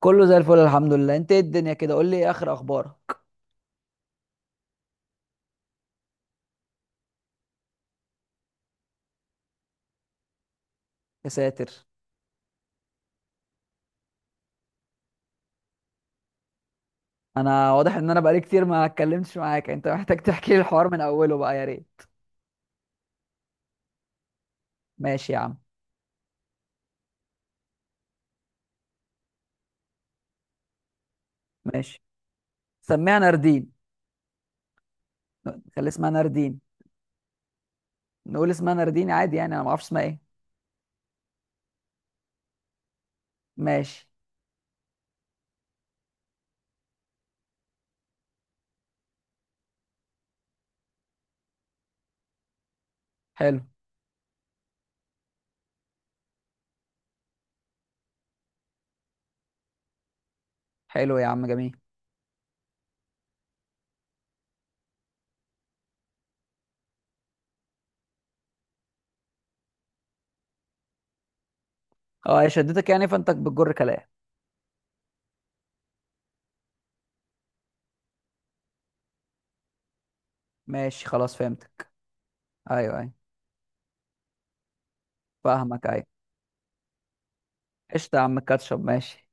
كله زي الفل، الحمد لله. انت ايه الدنيا كده، قول لي ايه اخر اخبارك؟ يا ساتر! انا واضح ان انا بقالي كتير ما اتكلمتش معاك، انت محتاج تحكي لي الحوار من اوله بقى يا ريت. ماشي يا عم. ماشي. سميها ناردين، خلي اسمها ناردين. نقول اسمها ناردين عادي، يعني انا ما اعرفش اسمها ايه. ماشي. حلو. حلو يا عم، جميل. اه، هي شدتك يعني فانت بتجر كلام. ماشي خلاص، فهمتك. ايوه ايوه، فاهمك. ايوه. قشطة يا عم، الكاتشب ماشي.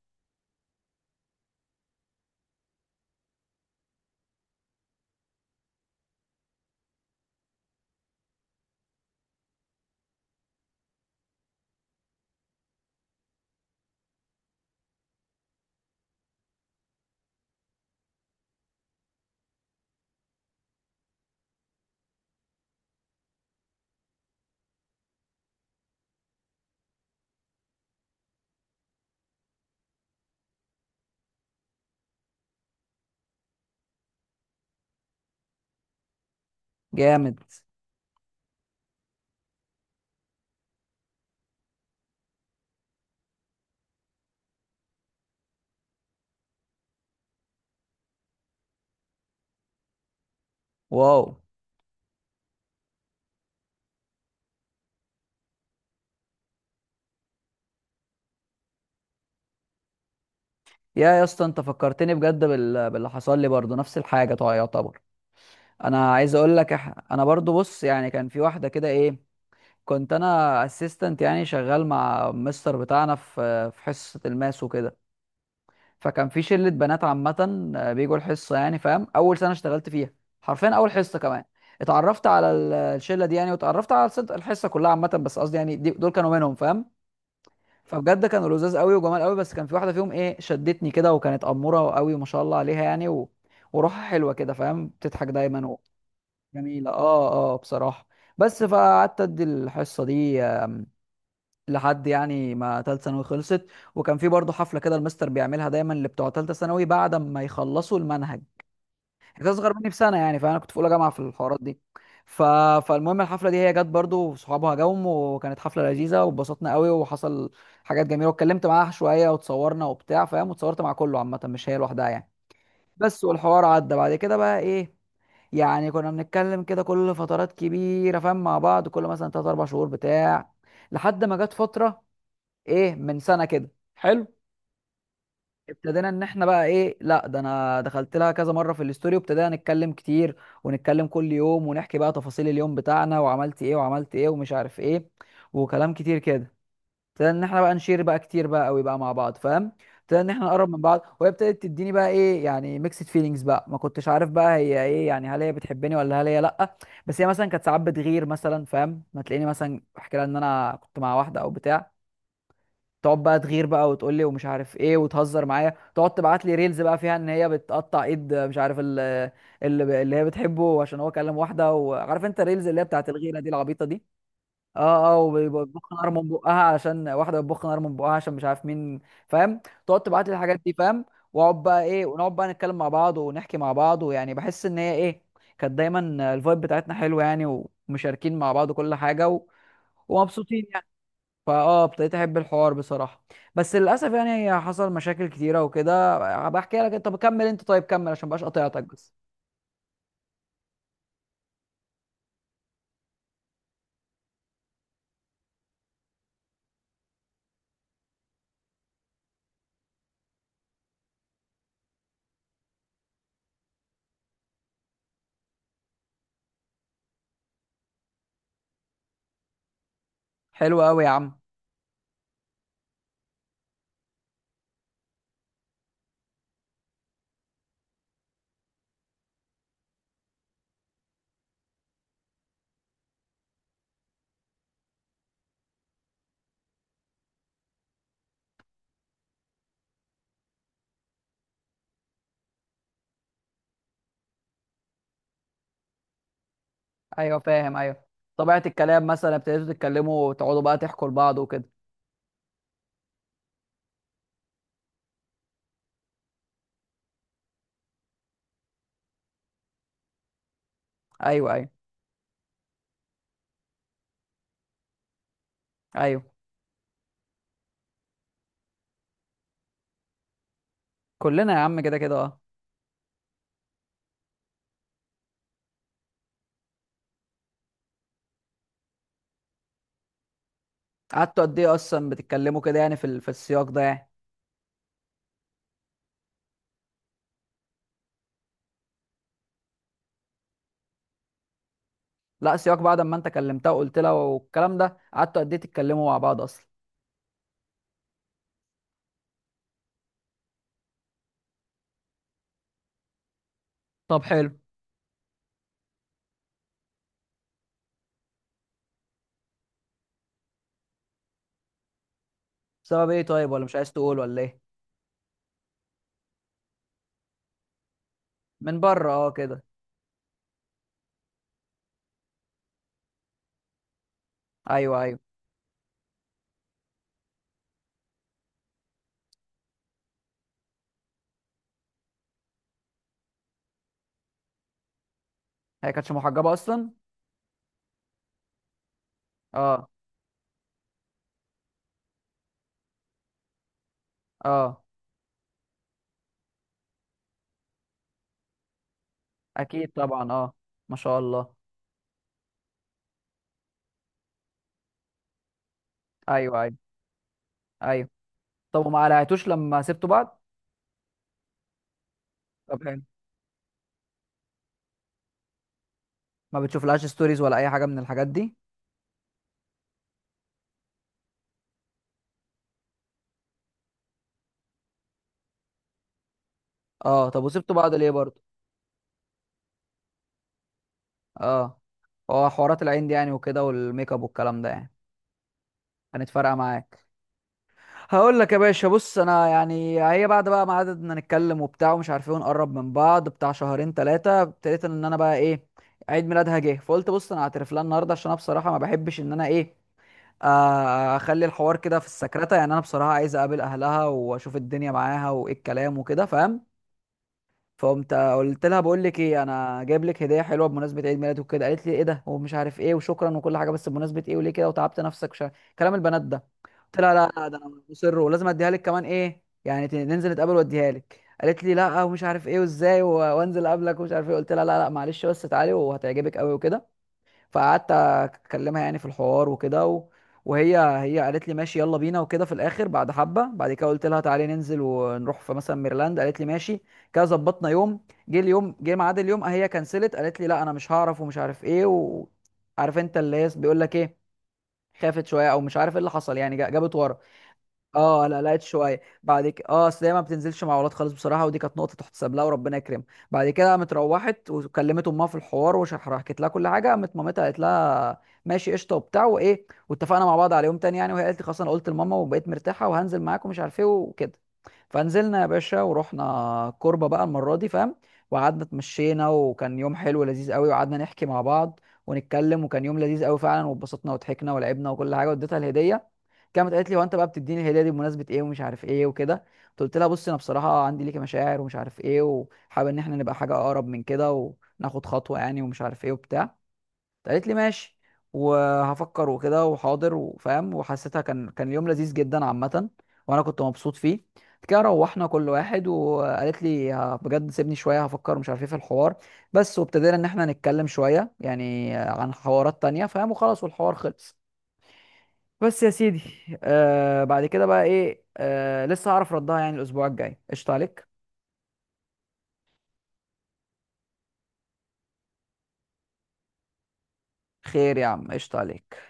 جامد. واو. يا اسطى، انت فكرتني بجد باللي حصل لي برضه، نفس الحاجه طبعا يعتبر. انا عايز اقول لك، انا برضه بص يعني كان في واحده كده ايه. كنت انا اسيستنت، يعني شغال مع مستر بتاعنا في حصه الماس وكده. فكان في شله بنات عامه، بيجوا الحصه، يعني فاهم اول سنه اشتغلت فيها، حرفيا اول حصه كمان. اتعرفت على الشله دي يعني، واتعرفت على الحصه كلها عامه. بس قصدي يعني دول كانوا منهم، فاهم. فبجد كانوا لذاذ قوي وجمال قوي. بس كان في واحده فيهم ايه شدتني كده، وكانت اموره قوي ما شاء الله عليها يعني وروحها حلوه كده، فاهم، بتضحك دايما. جميله، اه اه، بصراحه. بس فقعدت ادي الحصه دي، لحد يعني ما تالتة ثانوي خلصت. وكان في برضه حفله كده، المستر بيعملها دايما لبتوع تالتة ثانوي بعد ما يخلصوا المنهج. كانت اصغر مني بسنه، يعني فانا كنت في اولى جامعه في الحوارات دي ف... فالمهم الحفله دي هي جت برضو وصحابها جم، وكانت حفله لذيذه واتبسطنا قوي، وحصل حاجات جميله، واتكلمت معاها شويه وتصورنا وبتاع فاهم. وتصورت مع كله عامه، مش هي لوحدها يعني. بس، والحوار عدى بعد كده بقى ايه، يعني كنا بنتكلم كده كل فترات كبيره فاهم، مع بعض كل مثلا 3 4 شهور بتاع، لحد ما جت فتره ايه من سنه كده، حلو. ابتدينا ان احنا بقى ايه، لا ده انا دخلت لها كذا مره في الاستوري، وابتدينا نتكلم كتير ونتكلم كل يوم، ونحكي بقى تفاصيل اليوم بتاعنا وعملت ايه وعملت ايه ومش عارف ايه، وكلام كتير كده. ابتدينا ان احنا بقى نشير بقى كتير بقى قوي بقى مع بعض، فاهم. ابتدينا ان احنا نقرب من بعض، وهي ابتدت تديني بقى ايه يعني ميكسد فيلينجز بقى، ما كنتش عارف بقى هي ايه، يعني هل هي بتحبني ولا هل هي لا. بس هي مثلا كانت ساعات بتغير مثلا فاهم، ما تلاقيني مثلا احكي لها ان انا كنت مع واحده او بتاع. تقعد بقى تغير بقى وتقول لي ومش عارف ايه، وتهزر معايا، تقعد تبعت لي ريلز بقى فيها ان هي بتقطع ايد مش عارف اللي هي بتحبه عشان هو كلم واحده، وعارف انت الريلز اللي هي بتاعت الغيره دي العبيطه دي. اه اه، وبتبخ نار من بقها علشان واحده بتبخ نار من بقها عشان مش عارف مين، فاهم. تقعد تبعت لي الحاجات دي فاهم، واقعد بقى ايه ونقعد بقى نتكلم مع بعض ونحكي مع بعض، ويعني بحس ان هي ايه. كانت دايما الفايب بتاعتنا حلوه يعني، ومشاركين مع بعض كل حاجه ومبسوطين يعني. ابتديت احب الحوار بصراحه. بس للاسف يعني هي حصل مشاكل كتيره وكده. هبقى احكي لك، انت كمل. انت طيب كمل عشان مبقاش قطعتك بس. حلو قوي يا عم. ايوه، فاهم. ايوه. طبيعه الكلام مثلا، ابتديتوا تتكلموا وتقعدوا بقى تحكوا لبعض وكده. ايوه ايوه ايوه، كلنا يا عم كده كده اه. قعدتوا قد ايه اصلا بتتكلموا كده، يعني في السياق ده يعني. لا، سياق بعد ما انت كلمتها وقلت لها والكلام ده، قعدتوا قد ايه تتكلموا مع بعض اصلا؟ طب حلو. بسبب ايه طيب، ولا مش عايز تقول ولا ايه؟ من بره اه كده. ايوه ايوه. هي كانتش محجبة اصلا؟ اه اه. اكيد طبعا اه. ما شاء الله. ايوه ايوه ايوه. طب وما قلعتوش لما سبتوا بعض؟ طب حلو. ما بتشوفلهاش ستوريز ولا اي حاجة من الحاجات دي؟ اه. طب وسبتوا بعض ليه برضه؟ اه، هو حوارات العين دي يعني وكده، والميك اب والكلام ده يعني، كانت فارقة معاك؟ هقول لك يا باشا. بص، انا يعني هي بعد بقى ما قعدنا نتكلم وبتاع ومش عارفين نقرب من بعض بتاع شهرين ثلاثة، ابتديت ان انا بقى ايه عيد ميلادها جه، فقلت بص انا هعترف لها النهارده عشان انا بصراحة ما بحبش ان انا ايه، اخلي الحوار كده في السكرتة. يعني انا بصراحة عايز اقابل اهلها واشوف الدنيا معاها، وايه الكلام وكده فاهم. فقمت قلت لها بقول لك ايه انا جايب لك هدية حلوة بمناسبة عيد ميلادك وكده. قالت لي ايه ده ومش عارف ايه وشكرا وكل حاجة، بس بمناسبة ايه وليه كده وتعبت نفسك. كلام البنات ده. قلت لها لا لا ده انا مصر ولازم اديها لك كمان ايه، يعني ننزل نتقابل واديها لك. قالت لي لا ومش عارف ايه وازاي وانزل اقابلك ومش عارف ايه. قلت لها لا لا معلش، بس تعالي وهتعجبك قوي وكده. فقعدت اكلمها يعني في الحوار وكده وهي قالت لي ماشي يلا بينا وكده. في الاخر بعد حبه بعد كده قلت لها تعالي ننزل ونروح في مثلا ميرلاند. قالت لي ماشي. كده ظبطنا يوم. جه اليوم، جه ميعاد اليوم، هي كنسلت. قالت لي لا انا مش هعرف ومش عارف ايه، وعارف انت اللي هي بيقول لك ايه. خافت شويه او مش عارف ايه اللي حصل، يعني جابت ورا. اه لا، لقيت شويه بعد كده اه، اصل هي ما بتنزلش مع ولاد خالص بصراحه، ودي كانت نقطه تحتسب لها وربنا يكرمها. بعد كده قامت روحت وكلمت امها في الحوار وحكيت لها كل حاجه. قامت مامتها قالت لها ماشي قشطه وبتاع وايه، واتفقنا مع بعض على يوم تاني يعني. وهي قالت لي خلاص انا قلت لماما وبقيت مرتاحه وهنزل معاك ومش عارف ايه وكده. فنزلنا يا باشا، ورحنا كوربه بقى المره دي فاهم. وقعدنا اتمشينا وكان يوم حلو لذيذ قوي، وقعدنا نحكي مع بعض ونتكلم، وكان يوم لذيذ قوي فعلا. واتبسطنا وضحكنا ولعبنا وكل حاجه، واديتها الهديه. كانت قالت لي هو انت بقى بتديني الهديه دي بمناسبه ايه ومش عارف ايه وكده. قلت لها بصي انا بصراحه عندي ليكي مشاعر ومش عارف ايه، وحابب ان احنا نبقى حاجه اقرب من كده وناخد خطوه يعني، ومش عارف ايه وبتاع. قالت لي ماشي وهفكر وكده وحاضر وفاهم، وحسيتها كان اليوم لذيذ جدا عامه، وانا كنت مبسوط فيه. بعد كده روحنا كل واحد، وقالت لي بجد سيبني شويه هفكر ومش عارف ايه في الحوار بس. وابتدينا ان احنا نتكلم شويه يعني عن حوارات تانية فاهم، وخلاص والحوار خلص. بس يا سيدي بعد كده بقى ايه لسه هعرف ردها يعني الاسبوع الجاي. قشطة عليك. خير يا عم، قشطة عليك.